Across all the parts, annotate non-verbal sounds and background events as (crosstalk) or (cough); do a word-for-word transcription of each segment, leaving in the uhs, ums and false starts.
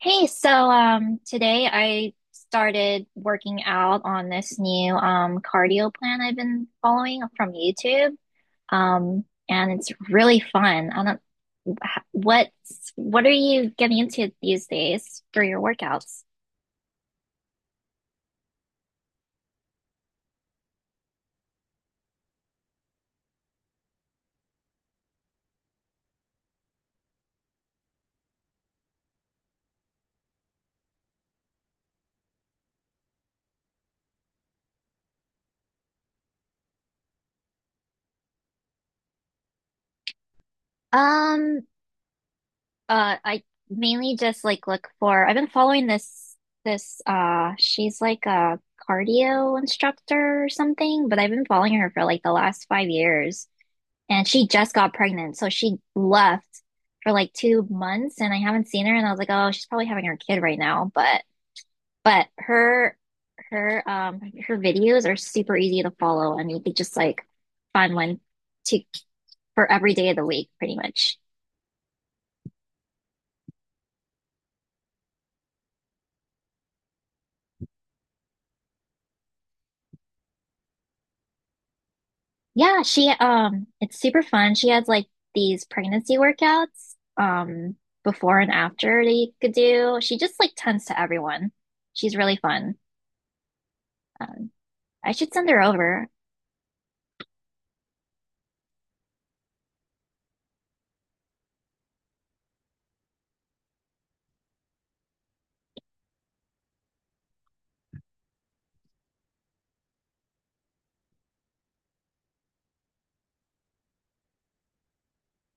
Hey, so um today I started working out on this new um cardio plan I've been following from YouTube. Um and it's really fun. I don't wh- what's what are you getting into these days for your workouts? Um uh I mainly just like look for I've been following this this uh she's like a cardio instructor or something, but I've been following her for like the last five years. And she just got pregnant. So she left for like two months and I haven't seen her. And I was like, oh, she's probably having her kid right now. But, but her, her, um, her videos are super easy to follow and you could just like find one to for every day of the week, pretty much. Yeah. She, um, it's super fun. She has like these pregnancy workouts, um, before and after that you could do. She just like tends to everyone. She's really fun. Um, I should send her over.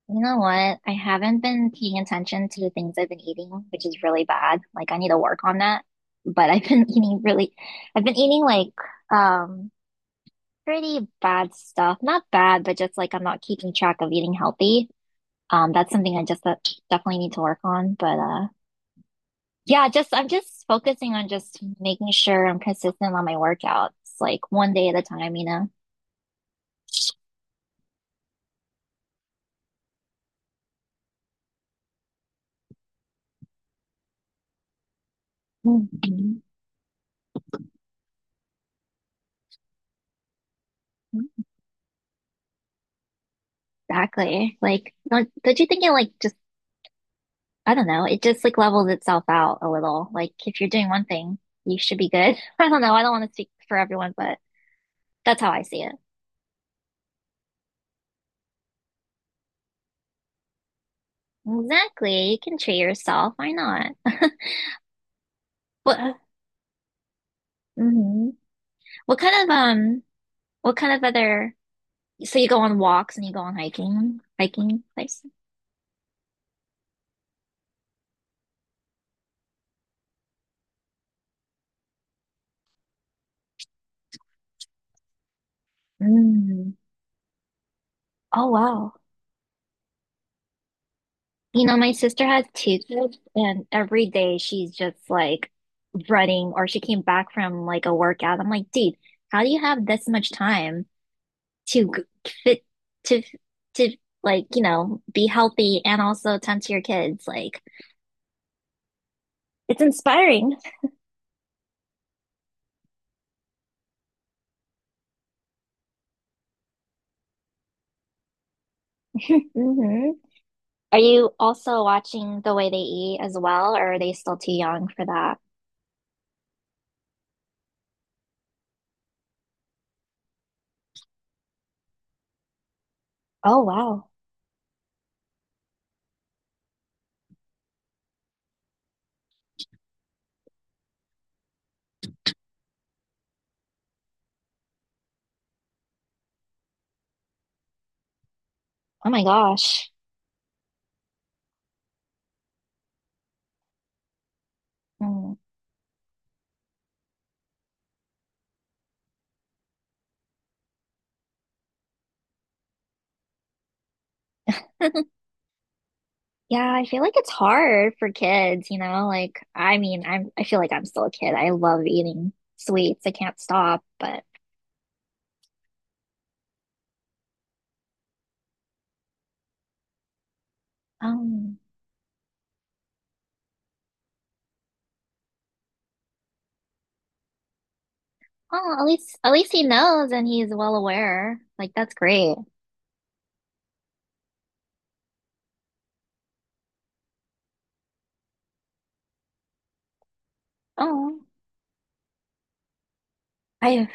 You know what? I haven't been paying attention to the things I've been eating, which is really bad. Like I need to work on that. But I've been (laughs) eating really, I've been eating like um pretty bad stuff. Not bad, but just like I'm not keeping track of eating healthy. Um, that's something I just uh, definitely need to work on. But uh, Yeah, just I'm just focusing on just making sure I'm consistent on my workouts, like one day at a time, you know. Mhm. Exactly. Like, don't, don't you think it like just I don't know. It just like levels itself out a little. Like if you're doing one thing, you should be good. (laughs) I don't know. I don't want to speak for everyone, but that's how I see it. Exactly. You can treat yourself. Why not? (laughs) What, hmm What kind of um what kind of other so you go on walks and you go on hiking, hiking places? Mm. Oh wow. You know, my sister has two kids and every day she's just like running or she came back from like a workout. I'm like, dude, how do you have this much time? To g- fit to to like you know be healthy and also tend to your kids like it's inspiring. (laughs) Hmm, are you also watching the way they eat as well or are they still too young for that? Oh wow. Oh my gosh. Mm. (laughs) Yeah, I feel like it's hard for kids, you know, like I mean I'm I feel like I'm still a kid, I love eating sweets, I can't stop, but um oh, at least, at least he knows and he's well aware, like that's great. Oh. I have,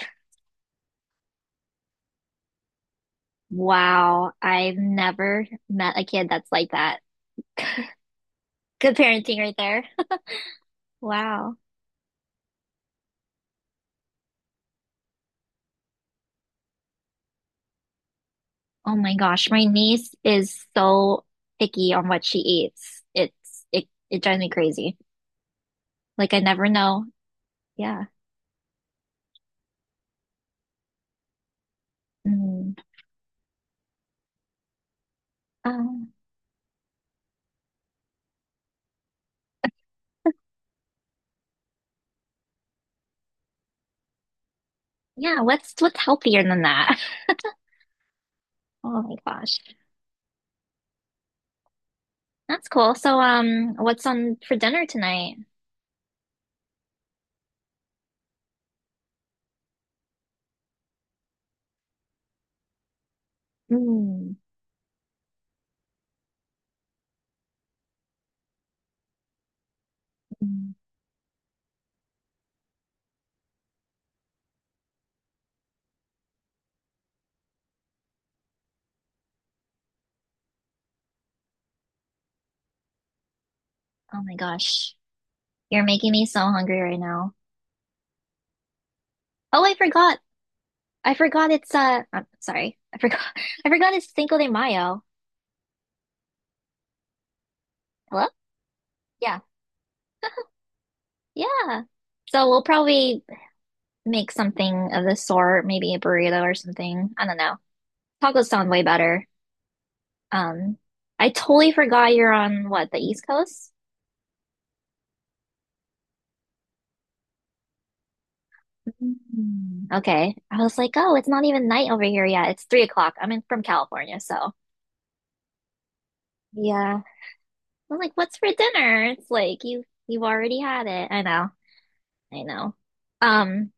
wow, I've never met a kid that's like that. (laughs) Good parenting right there. (laughs) Wow. Oh my gosh, my niece is so picky on what she eats. It's it it drives me crazy. Like I never know. Yeah. Mm. Um, yeah, what's what's healthier than that? (laughs) Oh my gosh. That's cool. So um what's on for dinner tonight? Mm. Mm. Oh my gosh. You're making me so hungry right now. Oh, I forgot. I forgot it's uh I'm sorry. I forgot (laughs) I forgot it's Cinco de Mayo. Hello? Yeah. Yeah. So we'll probably make something of the sort, maybe a burrito or something. I don't know. Tacos sound way better. Um, I totally forgot you're on what, the East Coast? Mm, okay. I was like, oh, it's not even night over here yet. It's three o'clock. I'm in from California, so yeah. I'm like, what's for dinner? It's like you you've already had it. I know. I know. Um,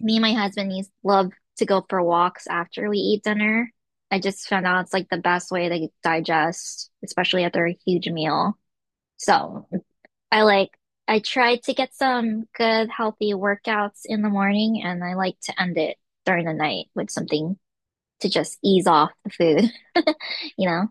me and my husband needs love to go for walks after we eat dinner. I just found out it's like the best way to digest, especially after a huge meal. So I like I try to get some good healthy workouts in the morning and I like to end it during the night with something to just ease off the food, (laughs) you know?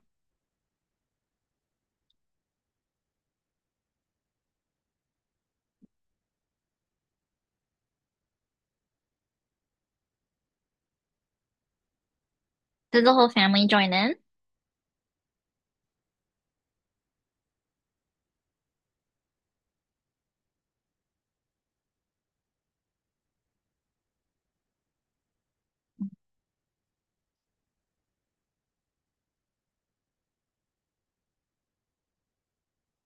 Did the whole family join in?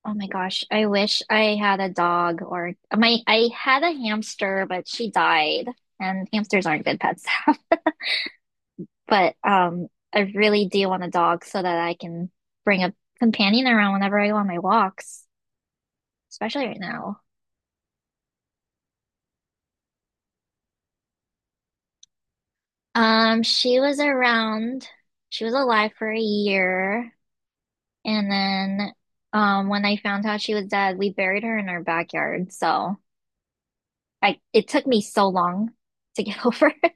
Oh my gosh, I wish I had a dog or my I had a hamster, but she died, and hamsters aren't good pets to have. But um, I really do want a dog so that I can bring a companion around whenever I go on my walks, especially right now. Um, she was around, she was alive for a year, and then um, when I found out she was dead, we buried her in our backyard. So I, it took me so long to get (laughs) over it.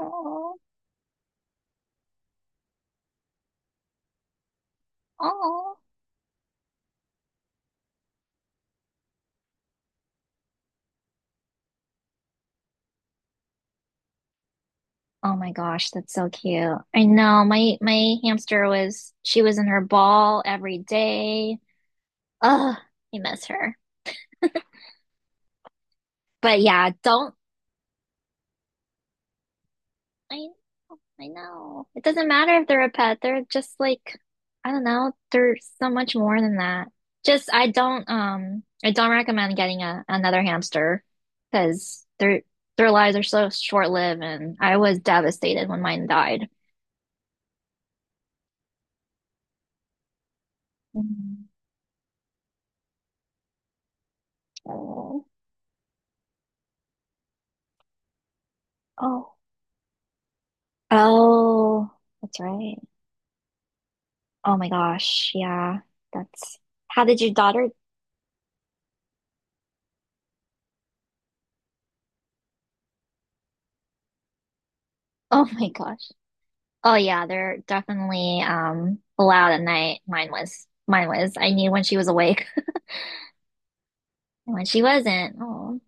Oh, oh. Oh my gosh, that's so cute. I know, my my hamster was, she was in her ball every day. Ugh, I miss her. But yeah, don't I know? I know. It doesn't matter if they're a pet. They're just like I don't know, they're so much more than that. Just I don't um I don't recommend getting a another hamster because their their lives are so short-lived and I was devastated when mine died. Mm. Oh. Oh. Oh, that's right. Oh my gosh. Yeah. That's how did your daughter? Oh my gosh. Oh yeah, they're definitely um loud at night. Mine was. Mine was. I knew when she was awake and when she wasn't. Oh.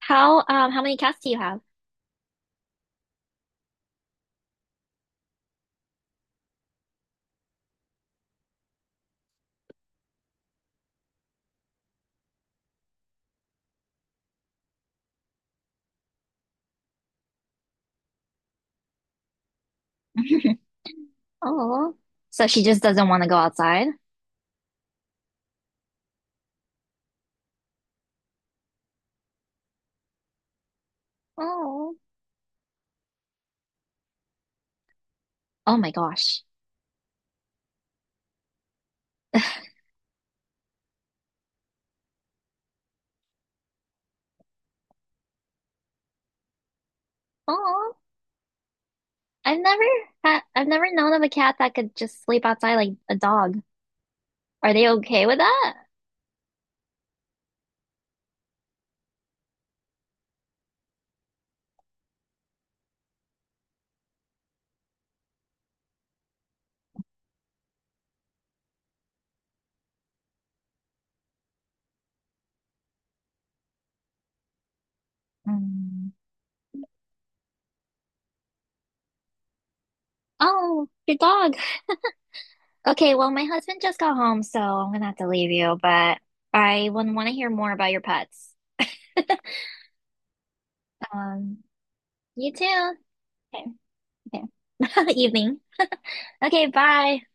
How um how many cats do you have? (laughs) Oh. So she just doesn't want to go outside? Oh. Oh my gosh. Oh. I've never had, I've never known of a cat that could just sleep outside like a dog. Are they okay with that? Mm. Oh, your dog. Okay, well, my husband just got home, so I'm gonna have to leave you, but I would want to hear more about your pets. Um, you too. Okay, okay. (laughs) Evening. Okay, bye.